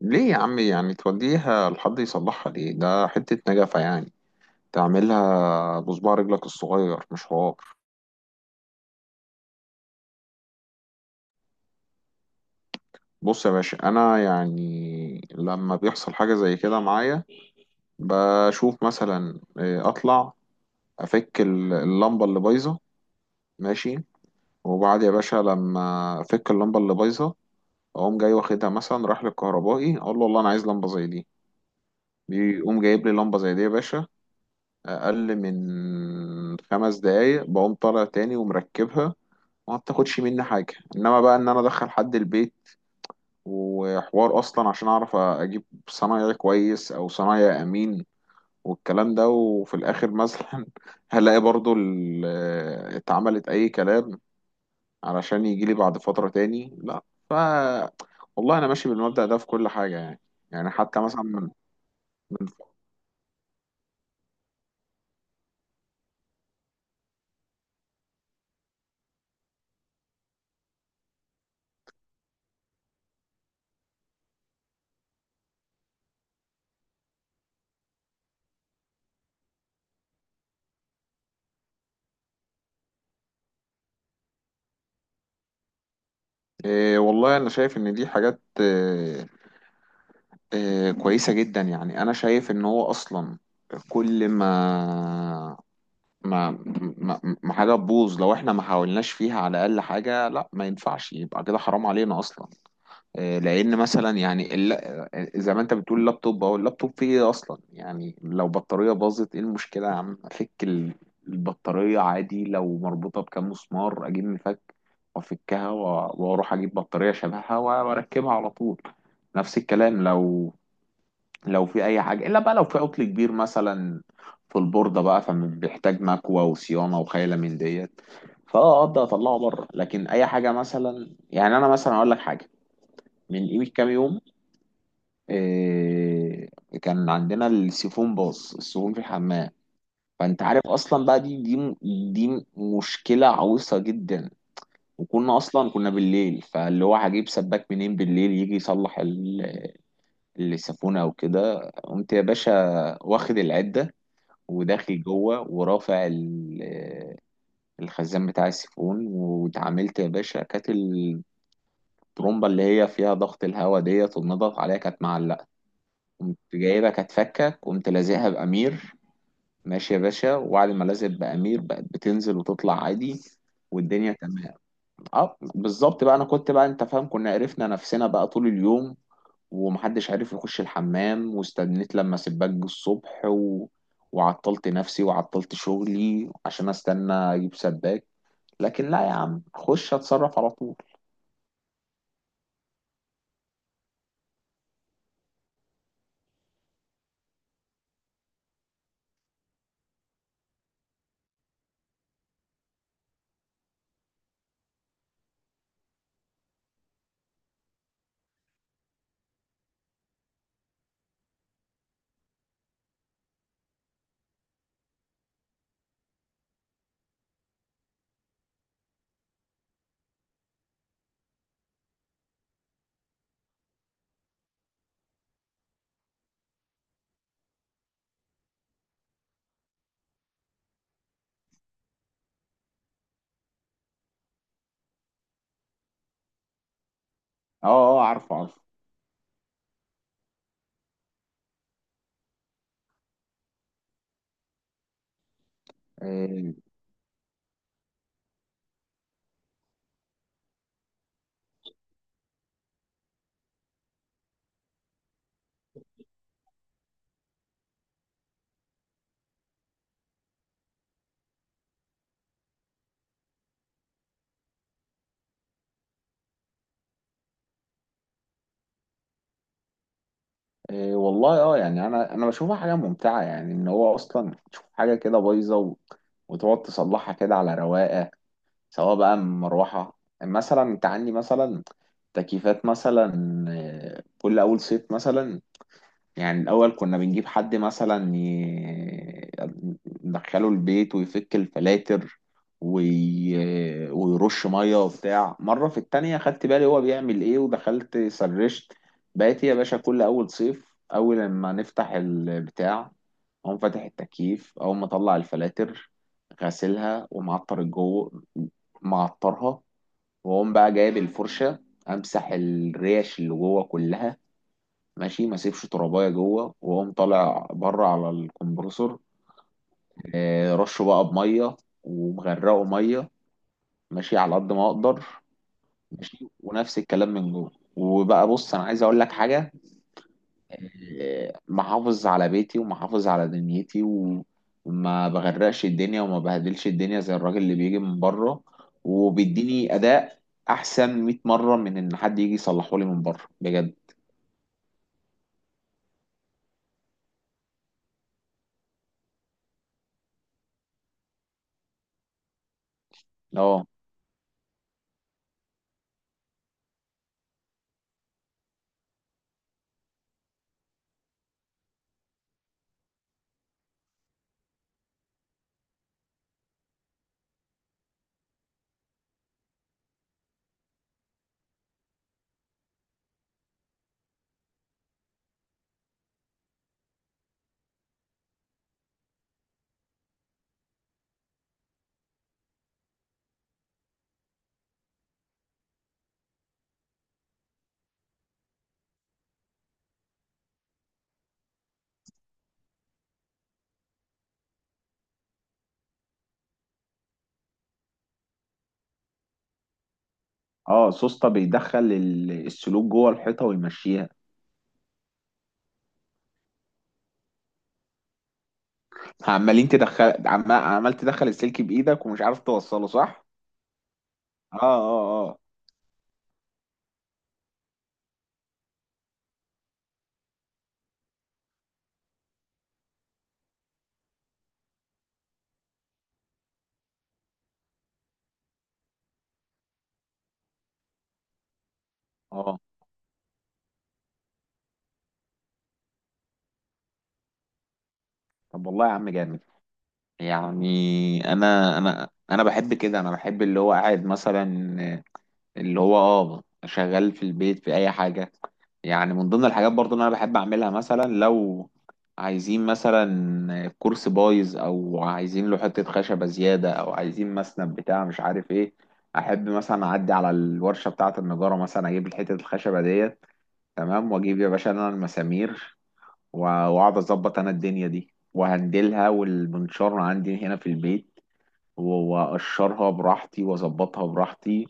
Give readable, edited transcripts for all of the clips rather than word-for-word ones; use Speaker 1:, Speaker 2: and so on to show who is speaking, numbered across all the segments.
Speaker 1: ليه يا عم يعني توديها لحد يصلحها؟ ليه؟ ده حتة نجفة يعني تعملها بصباع رجلك الصغير، مش حوار. بص يا باشا، انا يعني لما بيحصل حاجة زي كده معايا بشوف مثلا، اطلع افك اللمبة اللي بايظة. ماشي. وبعد يا باشا لما افك اللمبة اللي بايظة، اقوم جاي واخدها، مثلا رايح للكهربائي، اقول له والله انا عايز لمبة زي دي. بيقوم جايب لي لمبة زي دي يا باشا. اقل من 5 دقايق بقوم طالع تاني ومركبها. وما بتاخدش مني حاجه. انما بقى ان انا ادخل حد البيت وحوار اصلا عشان اعرف اجيب صنايعي كويس او صنايعي امين والكلام ده. وفي الاخر مثلا هلاقي برضو اتعملت اي كلام علشان يجي لي بعد فتره تاني. لا. ف والله انا ماشي بالمبدأ ده في كل حاجه يعني. يعني حتى مثلا من. والله أنا شايف إن دي حاجات، كويسة جدا، يعني أنا شايف إن هو أصلا كل ما ما حاجة تبوظ لو إحنا ما حاولناش فيها على الأقل حاجة. لا، ما ينفعش يبقى كده، حرام علينا أصلا. لأن مثلا يعني زي ما أنت بتقول اللابتوب اللابتوب فيه إيه أصلا. يعني لو بطارية باظت، إيه المشكلة يا عم؟ أفك البطارية عادي، لو مربوطة بكام مسمار أجيب مفك وأفكها و- وأروح أجيب بطارية شبهها وأركبها على طول. نفس الكلام لو في اي حاجه، الا بقى لو في عطل كبير مثلا في البورده بقى، فبيحتاج مكوى وصيانه وخيله من ديت. فاه اقدر اطلعه بره. لكن اي حاجه مثلا، يعني انا مثلا اقول لك حاجه، من قيمه كام يوم. إيه كان عندنا السيفون باظ، السيفون في الحمام. فانت عارف اصلا بقى دي مشكله عويصه جدا. وكنا اصلا كنا بالليل، فاللي هو هجيب سباك منين بالليل يجي يصلح السيفون او كده؟ قمت يا باشا واخد العده، وداخل جوه ورافع الخزان بتاع السيفون. واتعاملت يا باشا، كانت الطرمبة اللي هي فيها ضغط الهواء ديت والنضغط عليها كانت معلقة. قمت جايبها كانت فكة، قمت لازقها بأمير. ماشي يا باشا، وبعد ما لازق بأمير بقت بتنزل وتطلع عادي، والدنيا تمام. اه، بالظبط بقى. انا كنت بقى، انت فاهم، كنا عرفنا نفسنا بقى طول اليوم، ومحدش عارف يخش الحمام، واستنيت لما سباك جه الصبح وعطلت نفسي وعطلت شغلي عشان استنى اجيب سباك. لكن لا يا عم، اخش اتصرف على طول. اه، اه، عارفه، عارفه. إيه، إيه والله، يعني انا بشوفها حاجه ممتعه، يعني ان هو اصلا تشوف حاجه كده بايظه و... وتقعد تصلحها كده على رواقه. سواء بقى مروحه مثلا، انت عندي مثلا تكييفات مثلا، كل اول صيف مثلا. يعني الأول كنا بنجيب حد مثلا ندخله البيت ويفك الفلاتر، وي... ويرش مية وبتاع. مرة في التانية خدت بالي هو بيعمل ايه، ودخلت سرشت. بقيت يا باشا كل أول صيف، أول لما نفتح البتاع، أقوم فاتح التكييف، أقوم مطلع الفلاتر، غاسلها ومعطر الجو، معطرها، وأقوم بقى جايب الفرشة، أمسح الريش اللي جوه كلها، ماشي، ما سيبش ترابايه جوه، وقوم طالع بره على الكمبرسور. رشه بقى بميه، ومغرقه ميه، ماشي على قد ما اقدر. ماشي، ونفس الكلام من جوه. وبقى بص، انا عايز اقول لك حاجه. محافظ على بيتي ومحافظ على دنيتي، وما بغرقش الدنيا وما بهدلش الدنيا زي الراجل اللي بيجي من بره وبيديني اداء احسن 100 مره من ان حد يجي يصلحه لي من بره، بجد. اه، اه، سوسته بيدخل السلوك جوه الحيطه ويمشيها. عمال تدخل السلك بايدك، ومش عارف توصله صح. اه، اه، اه، اه. طب والله يا عم جامد. يعني انا بحب كده، انا بحب اللي هو قاعد مثلا، اللي هو شغال في البيت في اي حاجه. يعني من ضمن الحاجات برضو اللي انا بحب اعملها، مثلا لو عايزين مثلا كرسي بايظ، او عايزين له حته خشبه زياده، او عايزين مسند بتاع مش عارف ايه، احب مثلا اعدي على الورشه بتاعه النجاره، مثلا اجيب حته الخشبه ديت. تمام، واجيب يا باشا انا المسامير، و- واقعد اظبط انا الدنيا دي وهندلها، والمنشار عندي هنا في البيت، و- واقشرها براحتي واظبطها براحتي،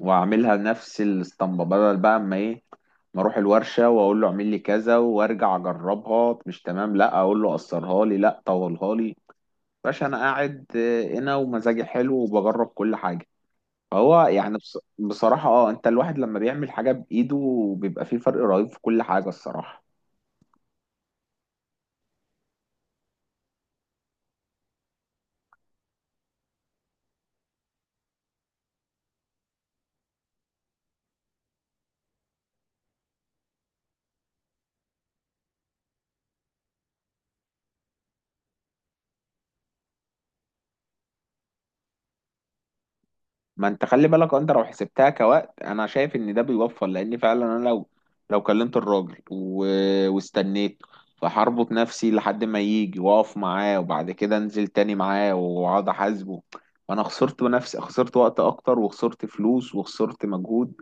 Speaker 1: واعملها نفس الاسطمبه. بدل بقى اما ايه؟ ما اروح الورشه واقول له اعمل لي كذا، وارجع اجربها مش تمام، لا اقول له قصرها لي، لا طولها لي. باشا انا قاعد هنا ومزاجي حلو وبجرب كل حاجه. فهو يعني بصراحه، انت الواحد لما بيعمل حاجه بايده بيبقى فيه فرق رهيب في كل حاجه، الصراحه. ما انت خلي بالك، انت لو حسبتها كوقت، انا شايف ان ده بيوفر، لان فعلا انا لو كلمت الراجل و... واستنيت، فهربط نفسي لحد ما يجي، واقف معاه، وبعد كده انزل تاني معاه، واقعد احاسبه، وانا خسرت نفسي، خسرت وقت اكتر، وخسرت فلوس، وخسرت مجهود.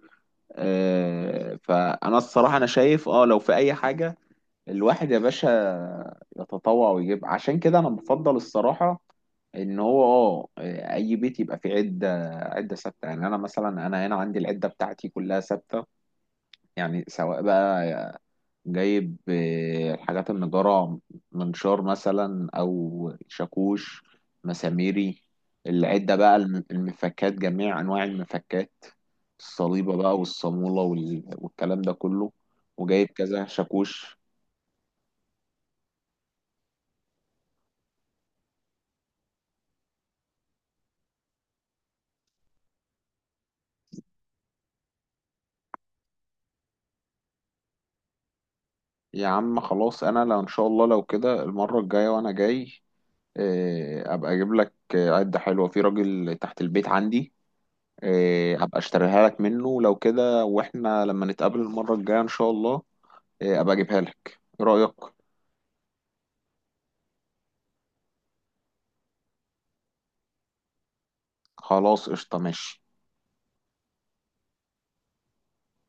Speaker 1: فانا الصراحة انا شايف، لو في اي حاجة، الواحد يا باشا يتطوع ويجيب. عشان كده انا بفضل الصراحة ان هو اه اي بيت يبقى فيه عده، عده ثابته. يعني انا مثلا انا هنا عندي العده بتاعتي كلها ثابته، يعني سواء بقى جايب الحاجات النجاره، منشار مثلا او شاكوش، مساميري، العده بقى، المفكات، جميع انواع المفكات، الصليبه بقى والصاموله، وال- والكلام ده كله، وجايب كذا شاكوش. يا عم خلاص، انا لو ان شاء الله لو كده، المره الجايه وانا جاي ابقى اجيب لك عدة حلوة. في راجل تحت البيت عندي، ابقى اشتريها لك منه لو كده، واحنا لما نتقابل المرة الجاية ان شاء الله ابقى اجيبها لك. ايه رأيك؟ خلاص، قشطة، ماشي.